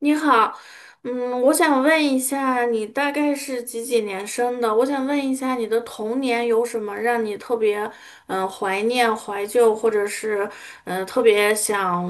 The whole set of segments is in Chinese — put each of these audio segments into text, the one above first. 你好，我想问一下，你大概是几几年生的？我想问一下，你的童年有什么让你特别怀念、怀旧，或者是特别想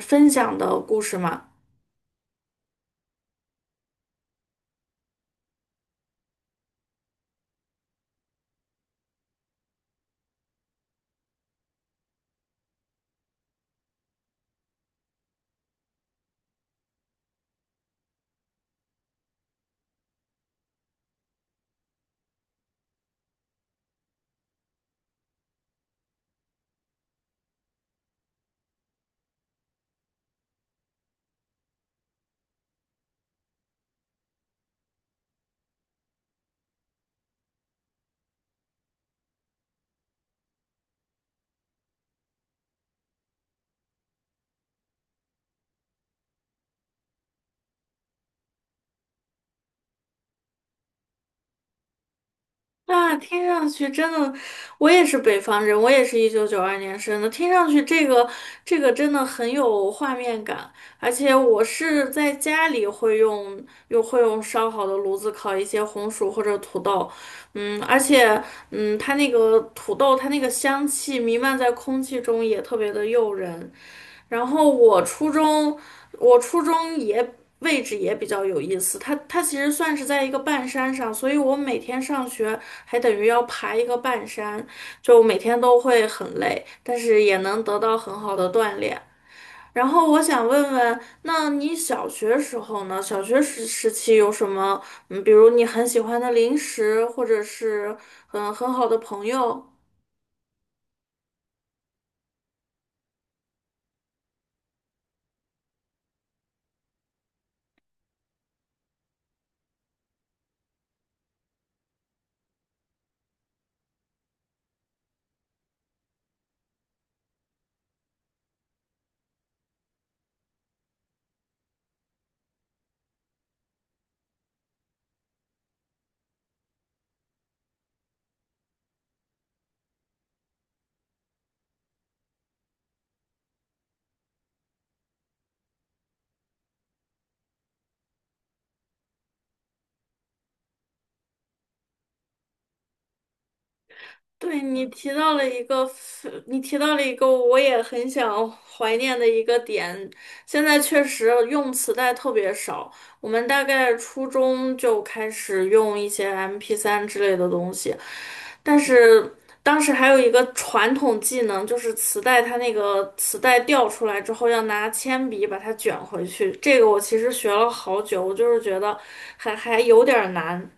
分享的故事吗？啊，听上去真的，我也是北方人，我也是1992年生的。听上去这个真的很有画面感，而且我是在家里会用，又会用烧好的炉子烤一些红薯或者土豆。而且它那个土豆它那个香气弥漫在空气中也特别的诱人。然后我初中也位置也比较有意思，它其实算是在一个半山上，所以我每天上学还等于要爬一个半山，就每天都会很累，但是也能得到很好的锻炼。然后我想问问，那你小学时候呢？小学时期有什么，比如你很喜欢的零食，或者是很好的朋友？对，你提到了一个非你提到了一个我也很想怀念的一个点。现在确实用磁带特别少，我们大概初中就开始用一些 MP3 之类的东西，但是当时还有一个传统技能，就是磁带它那个磁带掉出来之后要拿铅笔把它卷回去。这个我其实学了好久，我就是觉得还有点儿难。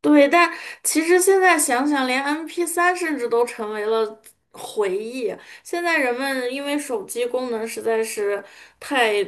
对，但其实现在想想，连 m p 三甚至都成为了回忆。现在人们因为手机功能实在是太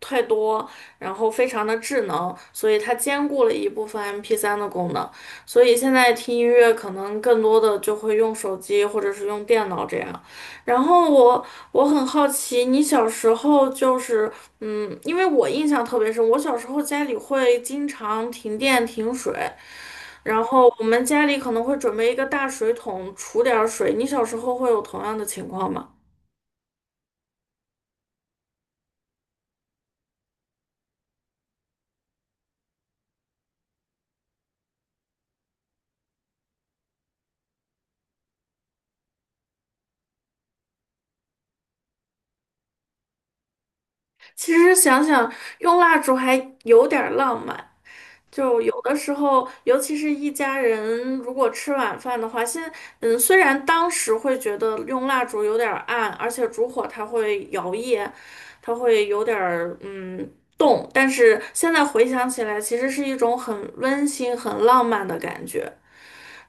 太多，然后非常的智能，所以它兼顾了一部分 m p 三的功能。所以现在听音乐可能更多的就会用手机或者是用电脑这样。然后我很好奇，你小时候就是。因为我印象特别深，我小时候家里会经常停电停水。然后我们家里可能会准备一个大水桶，储点儿水。你小时候会有同样的情况吗？其实想想，用蜡烛还有点儿浪漫。就有的时候，尤其是一家人如果吃晚饭的话，虽然当时会觉得用蜡烛有点儿暗，而且烛火它会摇曳，它会有点儿动，但是现在回想起来，其实是一种很温馨、很浪漫的感觉。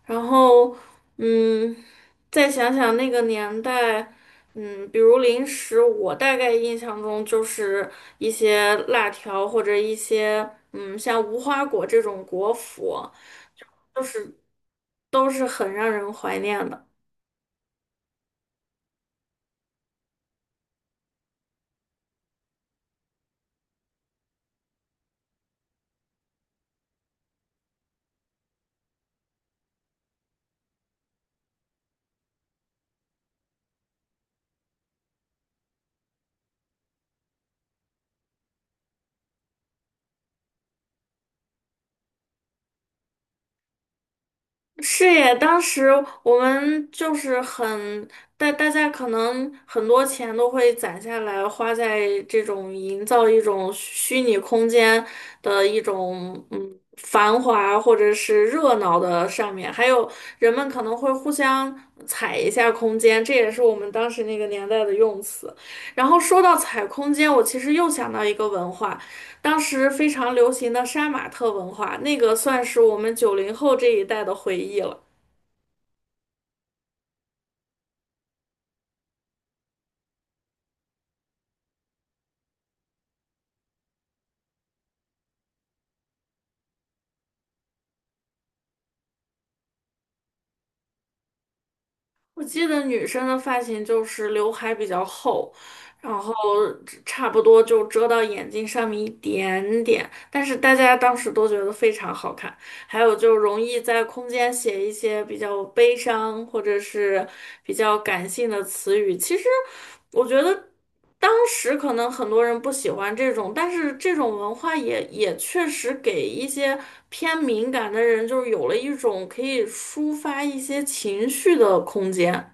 然后，嗯，再想想那个年代，比如零食，我大概印象中就是一些辣条或者一些，像无花果这种果脯，就是都是很让人怀念的。是耶，当时我们就是很，大家可能很多钱都会攒下来，花在这种营造一种虚拟空间的一种繁华或者是热闹的上面，还有人们可能会互相踩一下空间，这也是我们当时那个年代的用词。然后说到踩空间，我其实又想到一个文化。当时非常流行的杀马特文化，那个算是我们90后这一代的回忆了。我记得女生的发型就是刘海比较厚，然后差不多就遮到眼睛上面一点点，但是大家当时都觉得非常好看。还有就容易在空间写一些比较悲伤或者是比较感性的词语，其实我觉得。当时可能很多人不喜欢这种，但是这种文化也确实给一些偏敏感的人，就是有了一种可以抒发一些情绪的空间。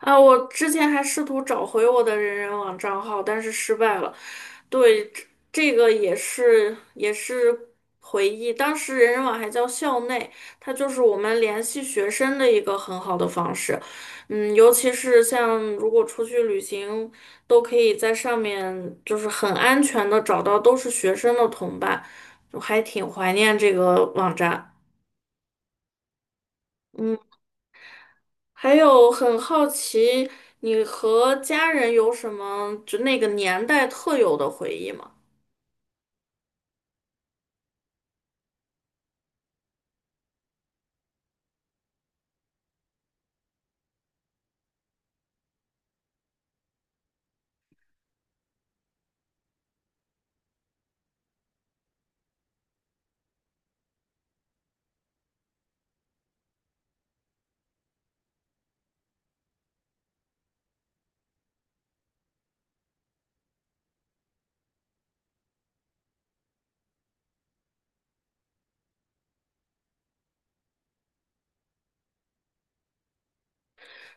啊，我之前还试图找回我的人人网账号，但是失败了。对，这个也是回忆，当时人人网还叫校内，它就是我们联系学生的一个很好的方式。尤其是像如果出去旅行，都可以在上面就是很安全的找到都是学生的同伴，我还挺怀念这个网站。嗯。还有很好奇，你和家人有什么就那个年代特有的回忆吗？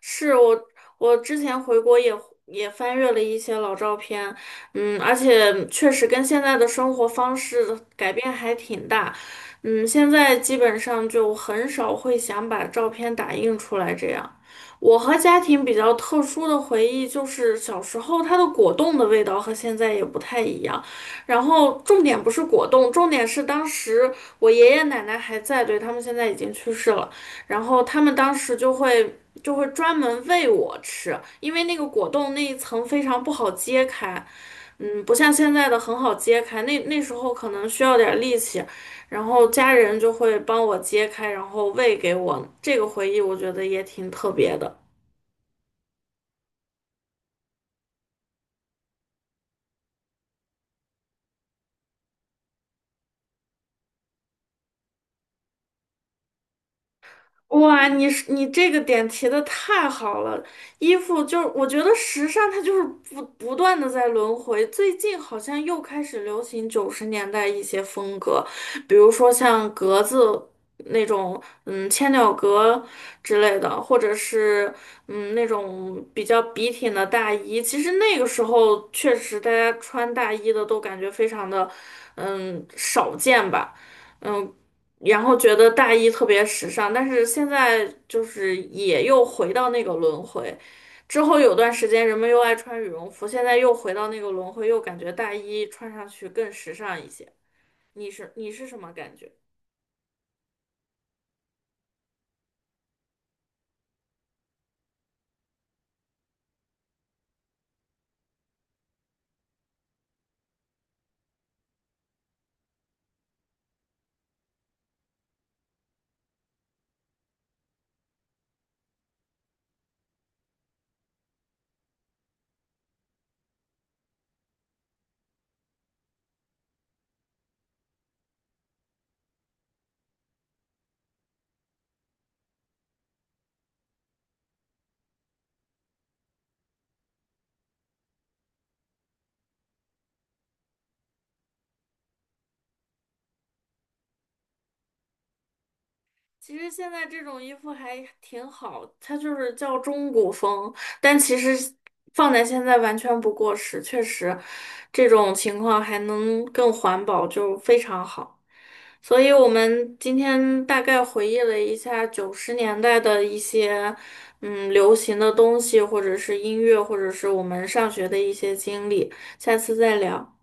是我，我之前回国也翻阅了一些老照片，而且确实跟现在的生活方式改变还挺大，现在基本上就很少会想把照片打印出来这样。我和家庭比较特殊的回忆就是小时候它的果冻的味道和现在也不太一样，然后重点不是果冻，重点是当时我爷爷奶奶还在，对，他们现在已经去世了。然后他们当时就会专门喂我吃，因为那个果冻那一层非常不好揭开，不像现在的很好揭开，那时候可能需要点力气，然后家人就会帮我揭开，然后喂给我，这个回忆我觉得也挺特别的。哇，你这个点提的太好了，衣服就是我觉得时尚它就是不断的在轮回，最近好像又开始流行九十年代一些风格，比如说像格子那种，千鸟格之类的，或者是那种比较笔挺的大衣。其实那个时候确实大家穿大衣的都感觉非常的，少见吧。嗯，然后觉得大衣特别时尚，但是现在就是也又回到那个轮回。之后有段时间人们又爱穿羽绒服，现在又回到那个轮回，又感觉大衣穿上去更时尚一些。你是什么感觉？其实现在这种衣服还挺好，它就是叫中古风，但其实放在现在完全不过时，确实这种情况还能更环保，就非常好。所以我们今天大概回忆了一下九十年代的一些流行的东西，或者是音乐，或者是我们上学的一些经历，下次再聊。